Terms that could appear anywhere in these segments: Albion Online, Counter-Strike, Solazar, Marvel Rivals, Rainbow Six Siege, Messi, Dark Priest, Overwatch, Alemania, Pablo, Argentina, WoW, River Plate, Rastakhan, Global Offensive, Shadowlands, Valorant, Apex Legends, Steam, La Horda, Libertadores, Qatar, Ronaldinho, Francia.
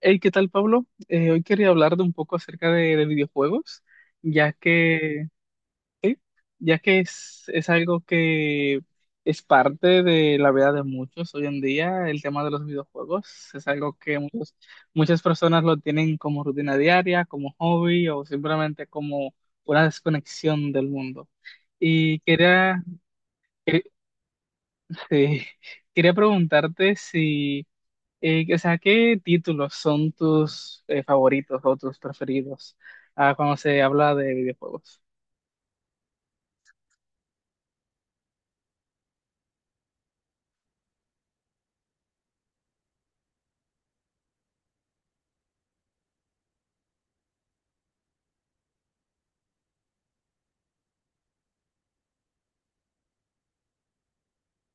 Hey, ¿qué tal, Pablo? Hoy quería hablar de un poco acerca de videojuegos, ya que, ya que es algo que es parte de la vida de muchos hoy en día, el tema de los videojuegos. Es algo que muchas personas lo tienen como rutina diaria, como hobby o simplemente como una desconexión del mundo. Y quería, eh, quería preguntarte si... O sea, ¿qué títulos son tus favoritos o tus preferidos cuando se habla de videojuegos?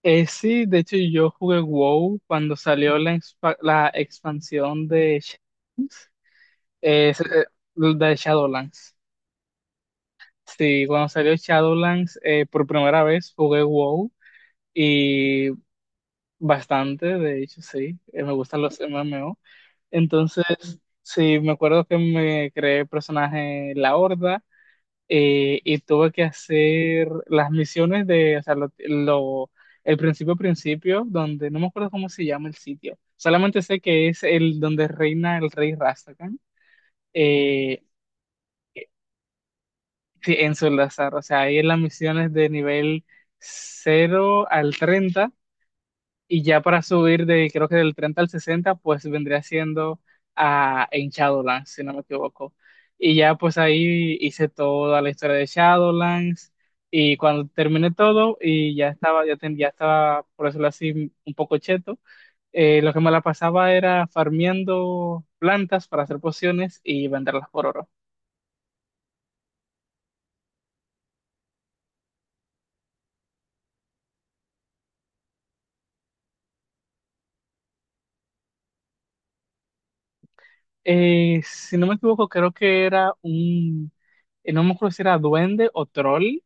Sí, de hecho yo jugué WoW cuando salió la expansión de, eh, s- eh, de Shadowlands. Sí, cuando salió Shadowlands por primera vez jugué WoW y bastante, de hecho sí. Me gustan los MMO. Entonces, sí, me acuerdo que me creé el personaje en La Horda, y tuve que hacer las misiones de, o sea, el principio principio, donde no me acuerdo cómo se llama el sitio, solamente sé que es el donde reina el rey Rastakhan. eh, sí, en Solazar, o sea, ahí en las misiones de nivel 0 al 30. Y ya para subir de, creo que del 30 al 60, pues vendría siendo a, en Shadowlands, si no me equivoco. Y ya pues ahí hice toda la historia de Shadowlands. Y cuando terminé todo y ya estaba, ya, ya estaba, por decirlo así, un poco cheto. Lo que me la pasaba era farmeando plantas para hacer pociones y venderlas por oro. Si no me equivoco, creo que era un, no me acuerdo si era duende o troll.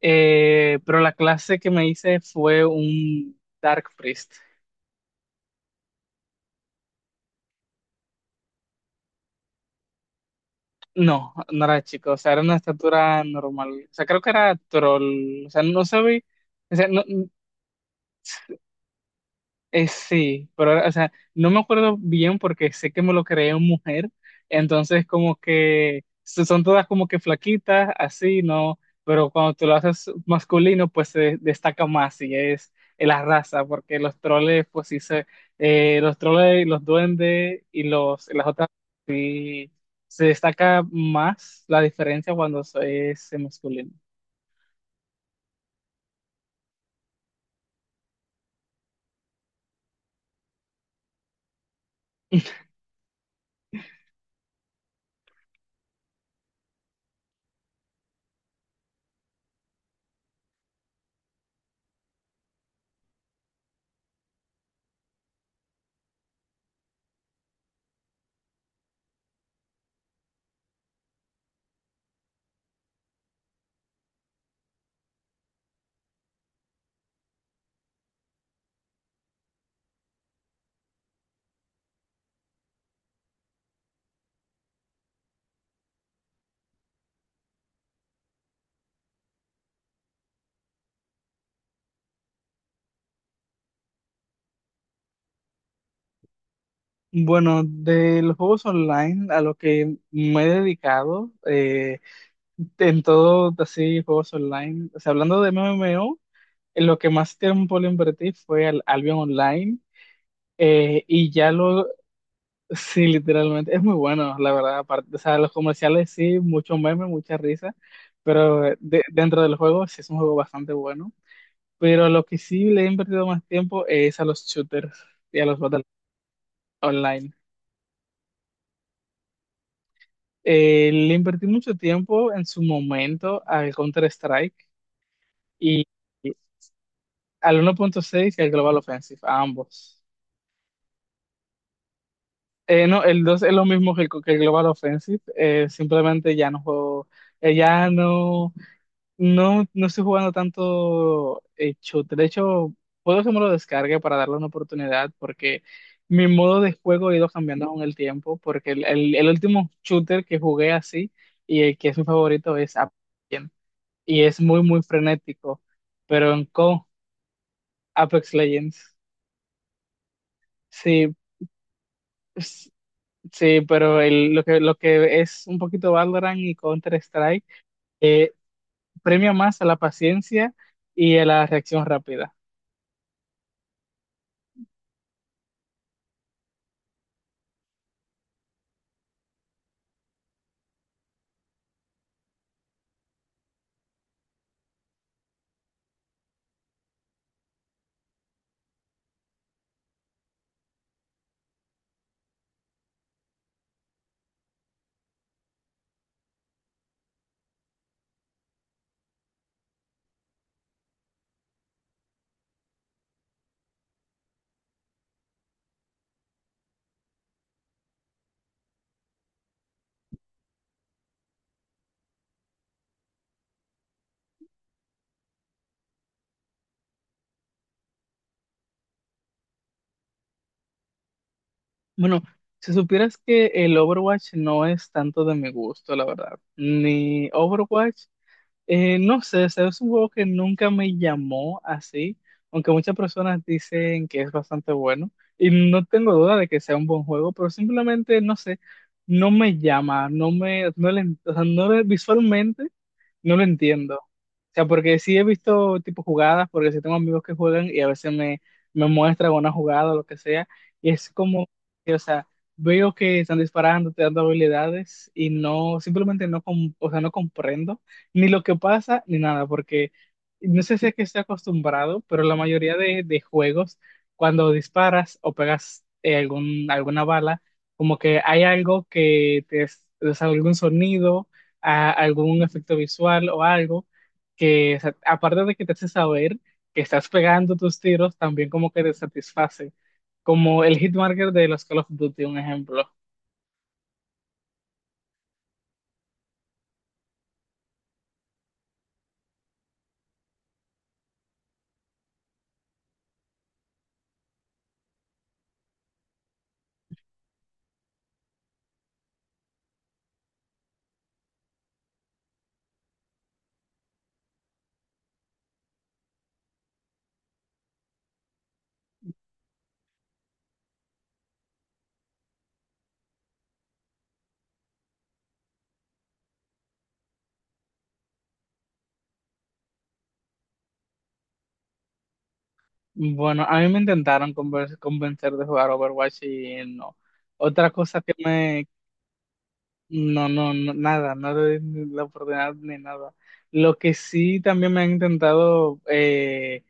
Pero la clase que me hice fue un Dark Priest. No, no era chico, o sea, era una estatura normal. O sea, creo que era troll. O sea, no sabía. O sea, no. Sí, pero, ahora, o sea, no me acuerdo bien porque sé que me lo creé en mujer, entonces como que son todas como que flaquitas, así, ¿no? Pero cuando tú lo haces masculino, pues se destaca más y es la raza, porque los troles, pues sí se, los troles, los duendes y las otras, sí, se destaca más la diferencia cuando es masculino. Bueno, de los juegos online a lo que me he dedicado, en todo así juegos online, o sea, hablando de MMO, en lo que más tiempo le invertí fue al Albion Online, eh, y ya lo, sí, literalmente, es muy bueno, la verdad. Aparte, o sea, los comerciales sí, mucho meme, mucha risa, pero dentro del juego sí es un juego bastante bueno, pero lo que sí le he invertido más tiempo es a los shooters y a los battles online. Le invertí mucho tiempo en su momento al Counter-Strike. Al 1.6 y al Global Offensive, a ambos. No, el 2 es lo mismo que que el Global Offensive. Simplemente ya no juego, eh, ya no, no, no estoy jugando tanto shooter. De hecho, puedo que me lo descargue para darle una oportunidad, porque mi modo de juego ha ido cambiando con el tiempo, porque el último shooter que jugué así y el que es mi favorito es Apex Legends, y es muy, muy frenético, pero en Co, Apex Legends, sí. Sí, pero lo que es un poquito Valorant y Counter-Strike eh, premia más a la paciencia y a la reacción rápida. Bueno, si supieras que el Overwatch no es tanto de mi gusto, la verdad. Ni Overwatch, no sé, o sea, es un juego que nunca me llamó así, aunque muchas personas dicen que es bastante bueno. Y no tengo duda de que sea un buen juego, pero simplemente, no sé, no me llama, no me, no le, o sea, visualmente no lo entiendo. O sea, porque sí he visto tipo jugadas, porque sí tengo amigos que juegan y a veces me muestran una jugada o lo que sea, y es como, o sea, veo que están disparando, te dando habilidades y no, simplemente no, o sea, no comprendo ni lo que pasa ni nada, porque no sé si es que estoy acostumbrado, pero la mayoría de juegos, cuando disparas o pegas algún, alguna bala, como que hay algo que te, o sea, algún sonido a algún efecto visual o algo que, o sea, aparte de que te hace saber que estás pegando tus tiros, también como que te satisface, como el hitmarker de los Call of Duty, un ejemplo. Bueno, a mí me intentaron convencer de jugar Overwatch y no. Otra cosa que me... No, no, no, nada, no le di ni la oportunidad ni nada. Lo que sí también me han intentado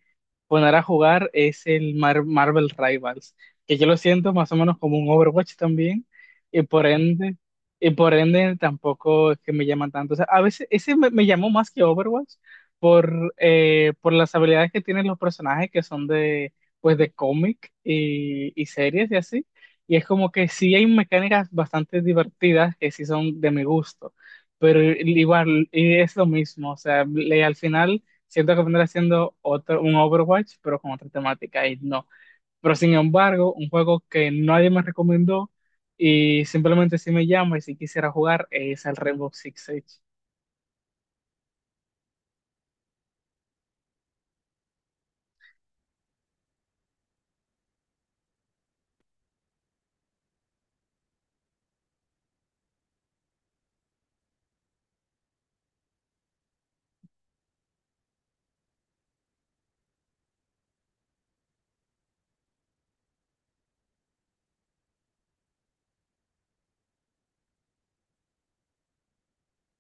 poner a jugar es el Marvel Rivals, que yo lo siento más o menos como un Overwatch también, y por ende, y por ende tampoco es que me llaman tanto. O sea, a veces ese me llamó más que Overwatch por las habilidades que tienen los personajes que son de, pues de cómic y series y así. Y es como que sí hay mecánicas bastante divertidas que sí son de mi gusto, pero igual y es lo mismo, o sea, le- al final... Siento que vendrá siendo otro, un Overwatch, pero con otra temática y no. Pero sin embargo, un juego que nadie me recomendó y simplemente si me llama y si quisiera jugar es el Rainbow Six Siege.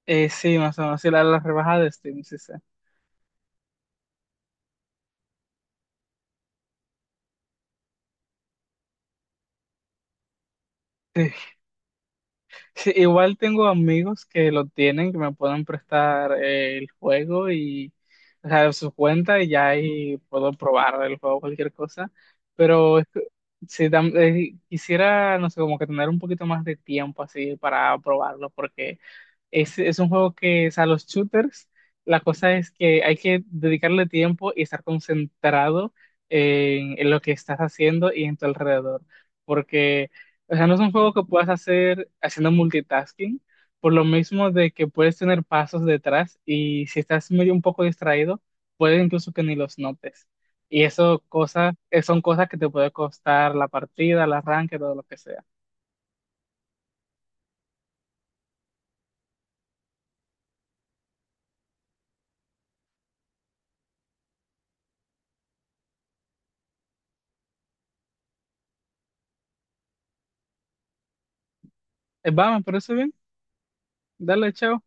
Sí, más o menos, sí, la rebajada de Steam, sí, sí. Sí, igual tengo amigos que lo tienen, que me pueden prestar el juego y, o sea, su cuenta y ya ahí puedo probar el juego, cualquier cosa. Pero es que, sí, quisiera, no sé, como que tener un poquito más de tiempo así para probarlo, porque es un juego que, o sea, los shooters, la cosa es que hay que dedicarle tiempo y estar concentrado en lo que estás haciendo y en tu alrededor. Porque o sea, no es un juego que puedas hacer haciendo multitasking, por lo mismo de que puedes tener pasos detrás y si estás medio un poco distraído, puede incluso que ni los notes. Y eso cosas son cosas que te puede costar la partida, el arranque, todo lo que sea. Vamos, pero eso bien. Dale, chao.